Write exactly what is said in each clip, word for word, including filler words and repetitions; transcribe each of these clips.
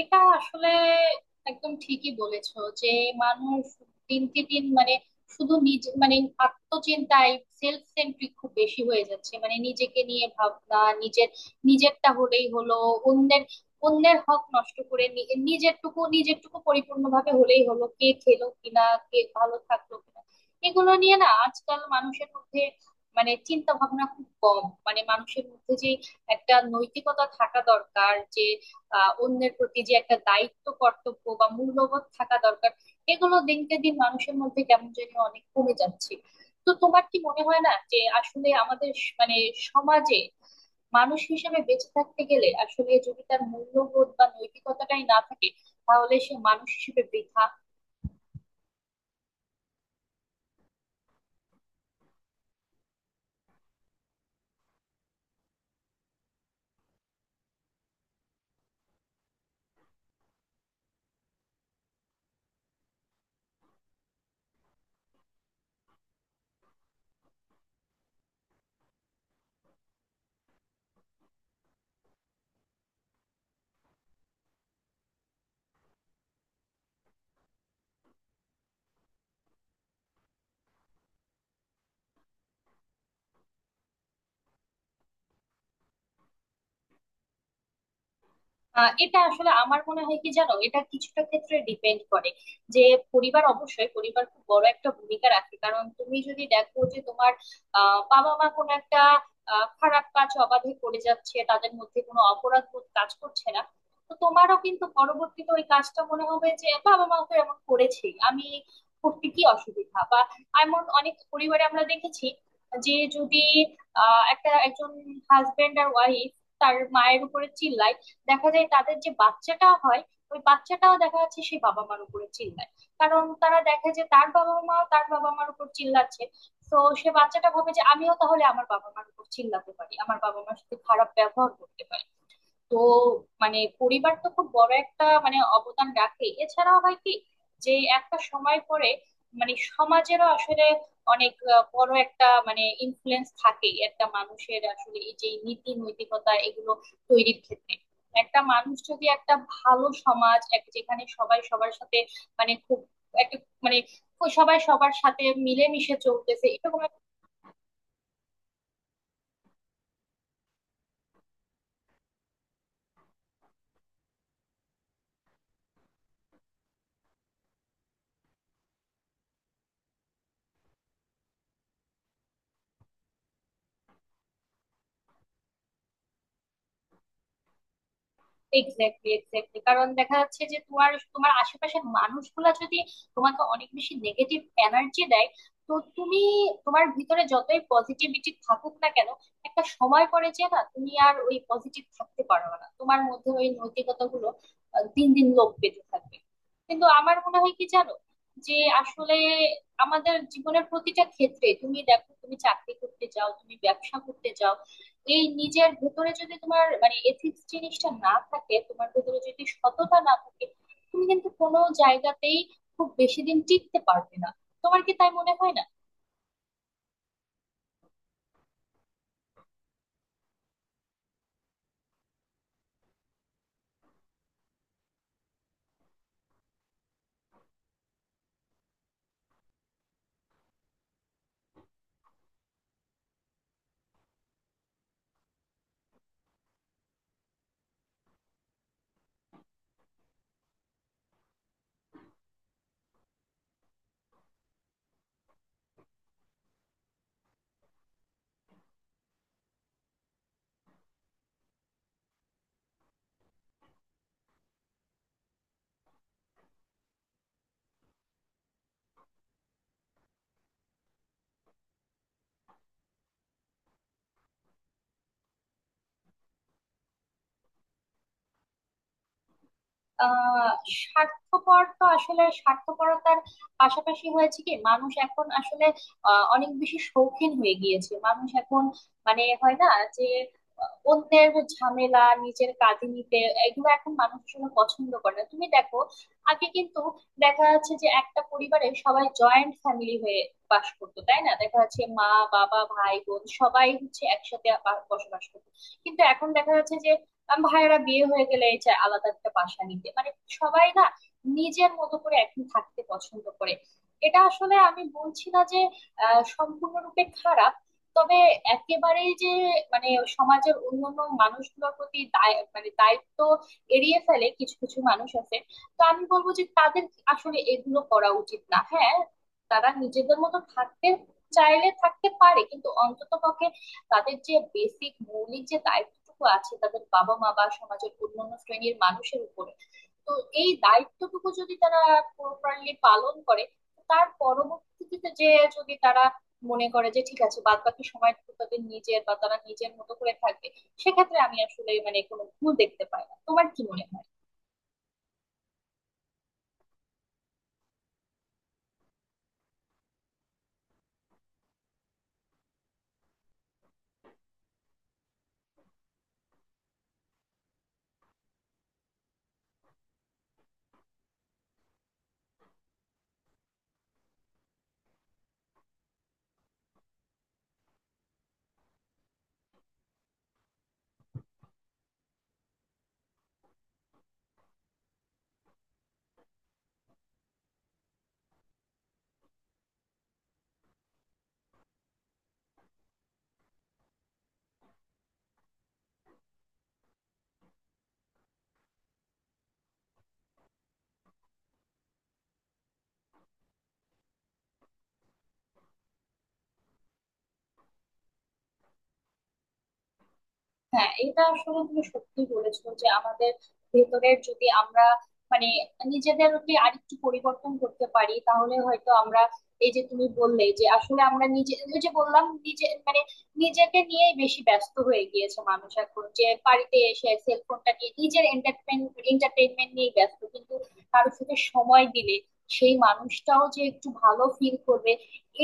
এটা আসলে একদম ঠিকই বলেছো যে মানুষ দিনকে দিন মানে শুধু নিজে মানে আত্মচিন্তায় সেলফ সেন্ট্রিক খুব বেশি হয়ে যাচ্ছে, মানে নিজেকে নিয়ে ভাবনা, নিজের নিজেরটা হলেই হলো। অন্যের অন্যের হক নষ্ট করে, নি- নিজেরটুকু নিজেরটুকু পরিপূর্ণভাবে হলেই হলো। কে খেলো কিনা, কে ভালো থাকলো কিনা, এগুলো নিয়ে না আজকাল মানুষের মধ্যে, মানে চিন্তা ভাবনা খুব কম। মানে মানুষের মধ্যে যে একটা নৈতিকতা থাকা দরকার, যে আহ অন্যের প্রতি যে একটা দায়িত্ব কর্তব্য বা মূল্যবোধ থাকা দরকার, এগুলো দিনকে দিন মানুষের মধ্যে কেমন যেন অনেক কমে যাচ্ছে। তো তোমার কি মনে হয় না যে আসলে আমাদের স- মানে সমাজে মানুষ হিসেবে বেঁচে থাকতে গেলে আসলে যদি তার মূল্যবোধ বা নৈতিকতাটাই না থাকে, তাহলে সে মানুষ হিসেবে বৃথা। আহ, এটা আসলে আমার মনে হয় কি জানো, এটা কিছুটা ক্ষেত্রে ডিপেন্ড করে। যে পরিবার, অবশ্যই পরিবার খুব বড় একটা ভূমিকা রাখে, কারণ তুমি যদি দেখো যে তোমার আহ, বাবা মা কোনো একটা আহ, খারাপ কাজ অবাধে করে যাচ্ছে, তাদের মধ্যে কোনো অপরাধ বোধ কাজ করছে না, তো তোমারও কিন্তু পরবর্তীতে ওই কাজটা মনে হবে যে বাবা মা তো এমন করেছে, আমি করতে কি অসুবিধা বা। এমন অনেক পরিবারে আমরা দেখেছি যে যদি আহ, একটা একজন হাজবেন্ড আর ওয়াইফ তার মায়ের উপরে চিল্লায়, দেখা যায় তাদের যে বাচ্চাটা হয়, ওই বাচ্চাটাও দেখা যাচ্ছে সেই বাবা মার উপরে চিল্লায়, কারণ তারা দেখে যে তার বাবা মা তার বাবা মার উপর চিল্লাচ্ছে। তো সে বাচ্চাটা ভাবে যে আমিও তাহলে আমার বাবা মার উপর চিল্লাতে পারি, আমার বাবা মার সাথে খারাপ ব্যবহার করতে পারি। তো মানে পরিবার তো খুব বড় একটা মানে অবদান রাখে। এছাড়াও হয় কি, যে একটা সময় পরে মানে সমাজেরও আসলে অনেক আহ, বড় একটা মানে ইনফ্লুয়েন্স থাকে একটা মানুষের, আসলে এই যে নীতি নৈতিকতা এগুলো তৈরির ক্ষেত্রে। একটা মানুষ যদি একটা ভালো সমাজ, এক- যেখানে সবাই সবার সাথে মানে খুব একটা মানে সবাই সবার সাথে মিলেমিশে চলতেছে, এরকম। Exactly, exactly. কারণ দেখা যাচ্ছে যে তোমার তোমার আশেপাশের মানুষগুলা যদি তোমাকে অনেক বেশি নেগেটিভ এনার্জি দেয়, তো তুমি, তোমার ভিতরে যতই পজিটিভিটি থাকুক না কেন, একটা সময় পরে যে না তুমি আর ওই পজিটিভ থাকতে পারবে না, তোমার মধ্যে ওই নৈতিকতা গুলো আহ, দিন দিন লোপ পেতে থাকবে। কিন্তু আমার মনে হয় কি জানো, যে আসলে আমাদের জীবনের প্রতিটা ক্ষেত্রে তুমি দেখো, তুমি চাকরি করতে যাও, তুমি ব্যবসা করতে যাও, এই নিজের ভেতরে যদি তোমার মানে এথিক্স জিনিসটা না থাকে, তোমার ভেতরে যদি সততা না থাকে, তুমি কিন্তু কোনো জায়গাতেই খুব বেশি দিন টিকতে পারবে না। তোমার কি তাই মনে হয় না? আহ স্বার্থপর তো, আসলে স্বার্থপরতার পাশাপাশি হয়েছে কি, মানুষ এখন আসলে আহ, অনেক বেশি শৌখিন হয়ে গিয়েছে। মানুষ এখন মানে হয় না যে আহ, অন্যের ঝামেলা নিজের কাঁধে নিতে, এগুলো এখন মানুষ আসলে পছন্দ করে না। তুমি দেখো আগে কিন্তু দেখা যাচ্ছে যে একটা পরিবারে সবাই জয়েন্ট ফ্যামিলি হয়ে বাস করতো, তাই না? দেখা যাচ্ছে মা বাবা ভাই বোন সবাই হচ্ছে একসাথে বা- বসবাস করতো। কিন্তু এখন দেখা যাচ্ছে যে আম ভাইয়েরা বিয়ে হয়ে গেলে এই চায় আলাদা একটা বাসা নিতে, মানে সবাই না, নিজের মতো করে এখন থাকতে পছন্দ করে। এটা আসলে আমি বলছি না যে আহ, সম্পূর্ণরূপে খারাপ। তবে একেবারেই যে মানে সমাজের অন্যান্য মানুষগুলোর প্রতি দায় মানে দায়িত্ব এড়িয়ে ফেলে, কিছু কিছু মানুষ আছে, তো আমি বলবো যে তাদের আসলে এগুলো করা উচিত না। হ্যাঁ, তারা নিজেদের মতো থাকতে চাইলে থাকতে পারে, কিন্তু অন্তত পক্ষে তাদের যে বেসিক মৌলিক যে দায়িত্বটুকু আছে তাদের বাবা মা বা সমাজের অন্যান্য শ্রেণীর মানুষের উপরে, তো এই দায়িত্বটুকু যদি তারা প্রপারলি পালন করে, তার পরবর্তীতে যে, যদি তারা মনে করে যে ঠিক আছে, বাদ বাকি সময়টুকু তাদের নিজের বা তারা নিজের মতো করে থাকবে, সেক্ষেত্রে আমি আসলে মানে কোনো ভুল দেখতে পাই না। তোমার কি মনে হয়? হ্যাঁ, এটা আসলে তুমি সত্যি বলেছো যে আমাদের ভেতরের যদি আমরা মানে নিজেদেরকে আরেকটু পরিবর্তন করতে পারি, তাহলে হয়তো আমরা, এই যে তুমি বললে যে আসলে আমরা নিজে, ওই যে বললাম নিজে মানে নিজেকে নিয়েই বেশি ব্যস্ত হয়ে গিয়েছে মানুষ এখন, যে বাড়িতে এসে সেলফোনটা নিয়ে নিজের এন্টারটেন এন্টারটেনমেন্ট নিয়ে ব্যস্ত, কিন্তু কারোর সাথে সময় দিলে সেই মানুষটাও যে একটু ভালো ফিল করবে,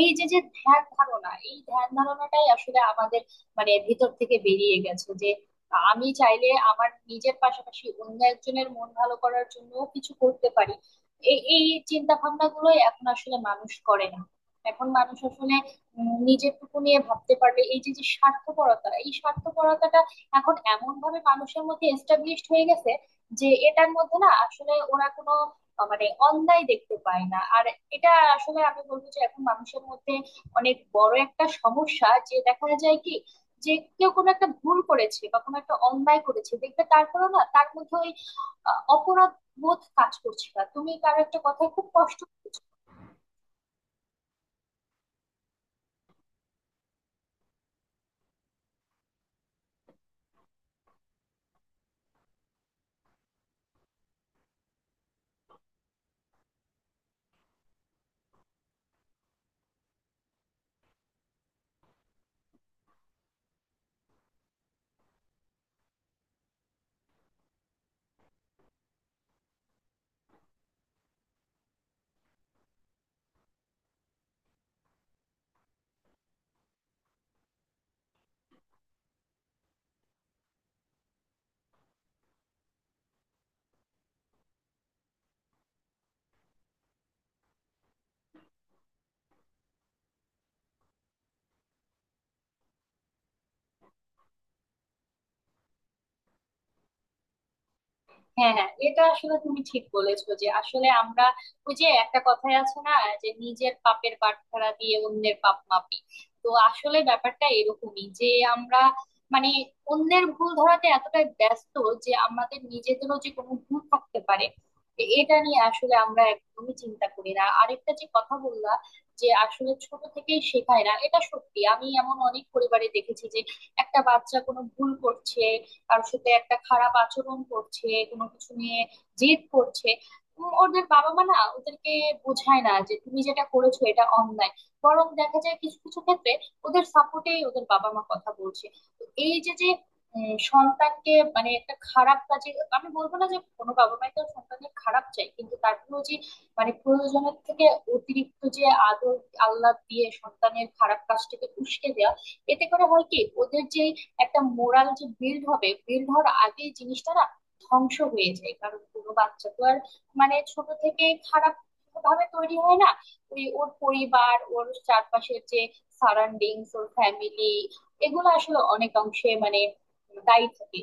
এই যে যে ধ্যান ধারণা, এই ধ্যান ধারণাটাই আসলে আমাদের মানে ভিতর থেকে বেরিয়ে গেছে যে আমি চাইলে আমার নিজের পাশাপাশি অন্য একজনের মন ভালো করার জন্য কিছু করতে পারি। এই এই চিন্তা ভাবনা গুলোই এখন আসলে মানুষ করে না। এখন মানুষ আসলে উম, নিজেরটুকু নিয়ে ভাবতে পারবে, এই যে যে স্বার্থপরতা, এই স্বার্থপরতাটা এখন এমন ভাবে মানুষের মধ্যে এস্টাবলিশড হয়ে গেছে যে এটার মধ্যে না আসলে ওরা কোনো আহ, মানে অন্যায় দেখতে পায় না আর। এটা আসলে আমি বলবো যে এখন মানুষের মধ্যে অনেক বড় একটা সমস্যা যে দেখা যায় কি, যে কেউ কোনো একটা ভুল করেছে বা কোনো একটা অন্যায় করেছে দেখবে, তারপরেও না তার মধ্যে ওই আহ, অপরাধ বোধ কাজ করছে না। তুমি কারো একটা কথায় খুব কষ্ট। হ্যাঁ হ্যাঁ, এটা আসলে তুমি ঠিক বলেছো যে আসলে আমরা, ওই যে একটা কথাই আছে না, যে নিজের পাপের বাটখারা দিয়ে অন্যের পাপ মাপি। তো আসলে ব্যাপারটা এরকমই যে আমরা মানে অন্যের ভুল ধরাতে এতটাই ব্যস্ত যে আমাদের নিজেদেরও যে কোনো ভুল থাকতে পারে, তো এটা নিয়ে আসলে আমরা একদমই চিন্তা করি না। আরেকটা যে কথা বললা, যে আসলে ছোট থেকেই শেখায় না, এটা সত্যি। আমি এমন অনেক পরিবারে দেখেছি যে একটা বাচ্চা কোনো ভুল করছে, কারোর সাথে একটা খারাপ আচরণ করছে, কোনো কিছু নিয়ে জেদ করছে, উম, ওদের বাবা মা না ওদেরকে বোঝায় না যে তুমি যেটা করেছো এটা অন্যায়। বরং দেখা যায় কিছু কিছু ক্ষেত্রে ওদের সাপোর্টেই ওদের বাবা মা কথা বলছে। তো এই যে যে উম, সন্তানকে মানে একটা খারাপ কাজে, আমি বলবো না যে কোনো বাবা মাই তো সন্তানের খারাপ চাই, কিন্তু তারপরেও যে মানে প্রয়োজনের থেকে অতিরিক্ত যে আদর আল্লাহ দিয়ে সন্তানের খারাপ কাজটাকে উস্কে দেওয়া, এতে করে হয় কি ওদের যে একটা মোরাল যে বিল্ড হবে, বিল্ড হওয়ার আগে জিনিসটা না ধ্বংস হয়ে যায়। কারণ কোনো বাচ্চা তো আর মানে ছোট থেকে খারাপ ভাবে তৈরি হয় না, ওই ওর পরিবার, ওর চারপাশের যে সারাউন্ডিংস, ওর ফ্যামিলি, এগুলো আসলে অনেক অংশে মানে দায়ী থাকে।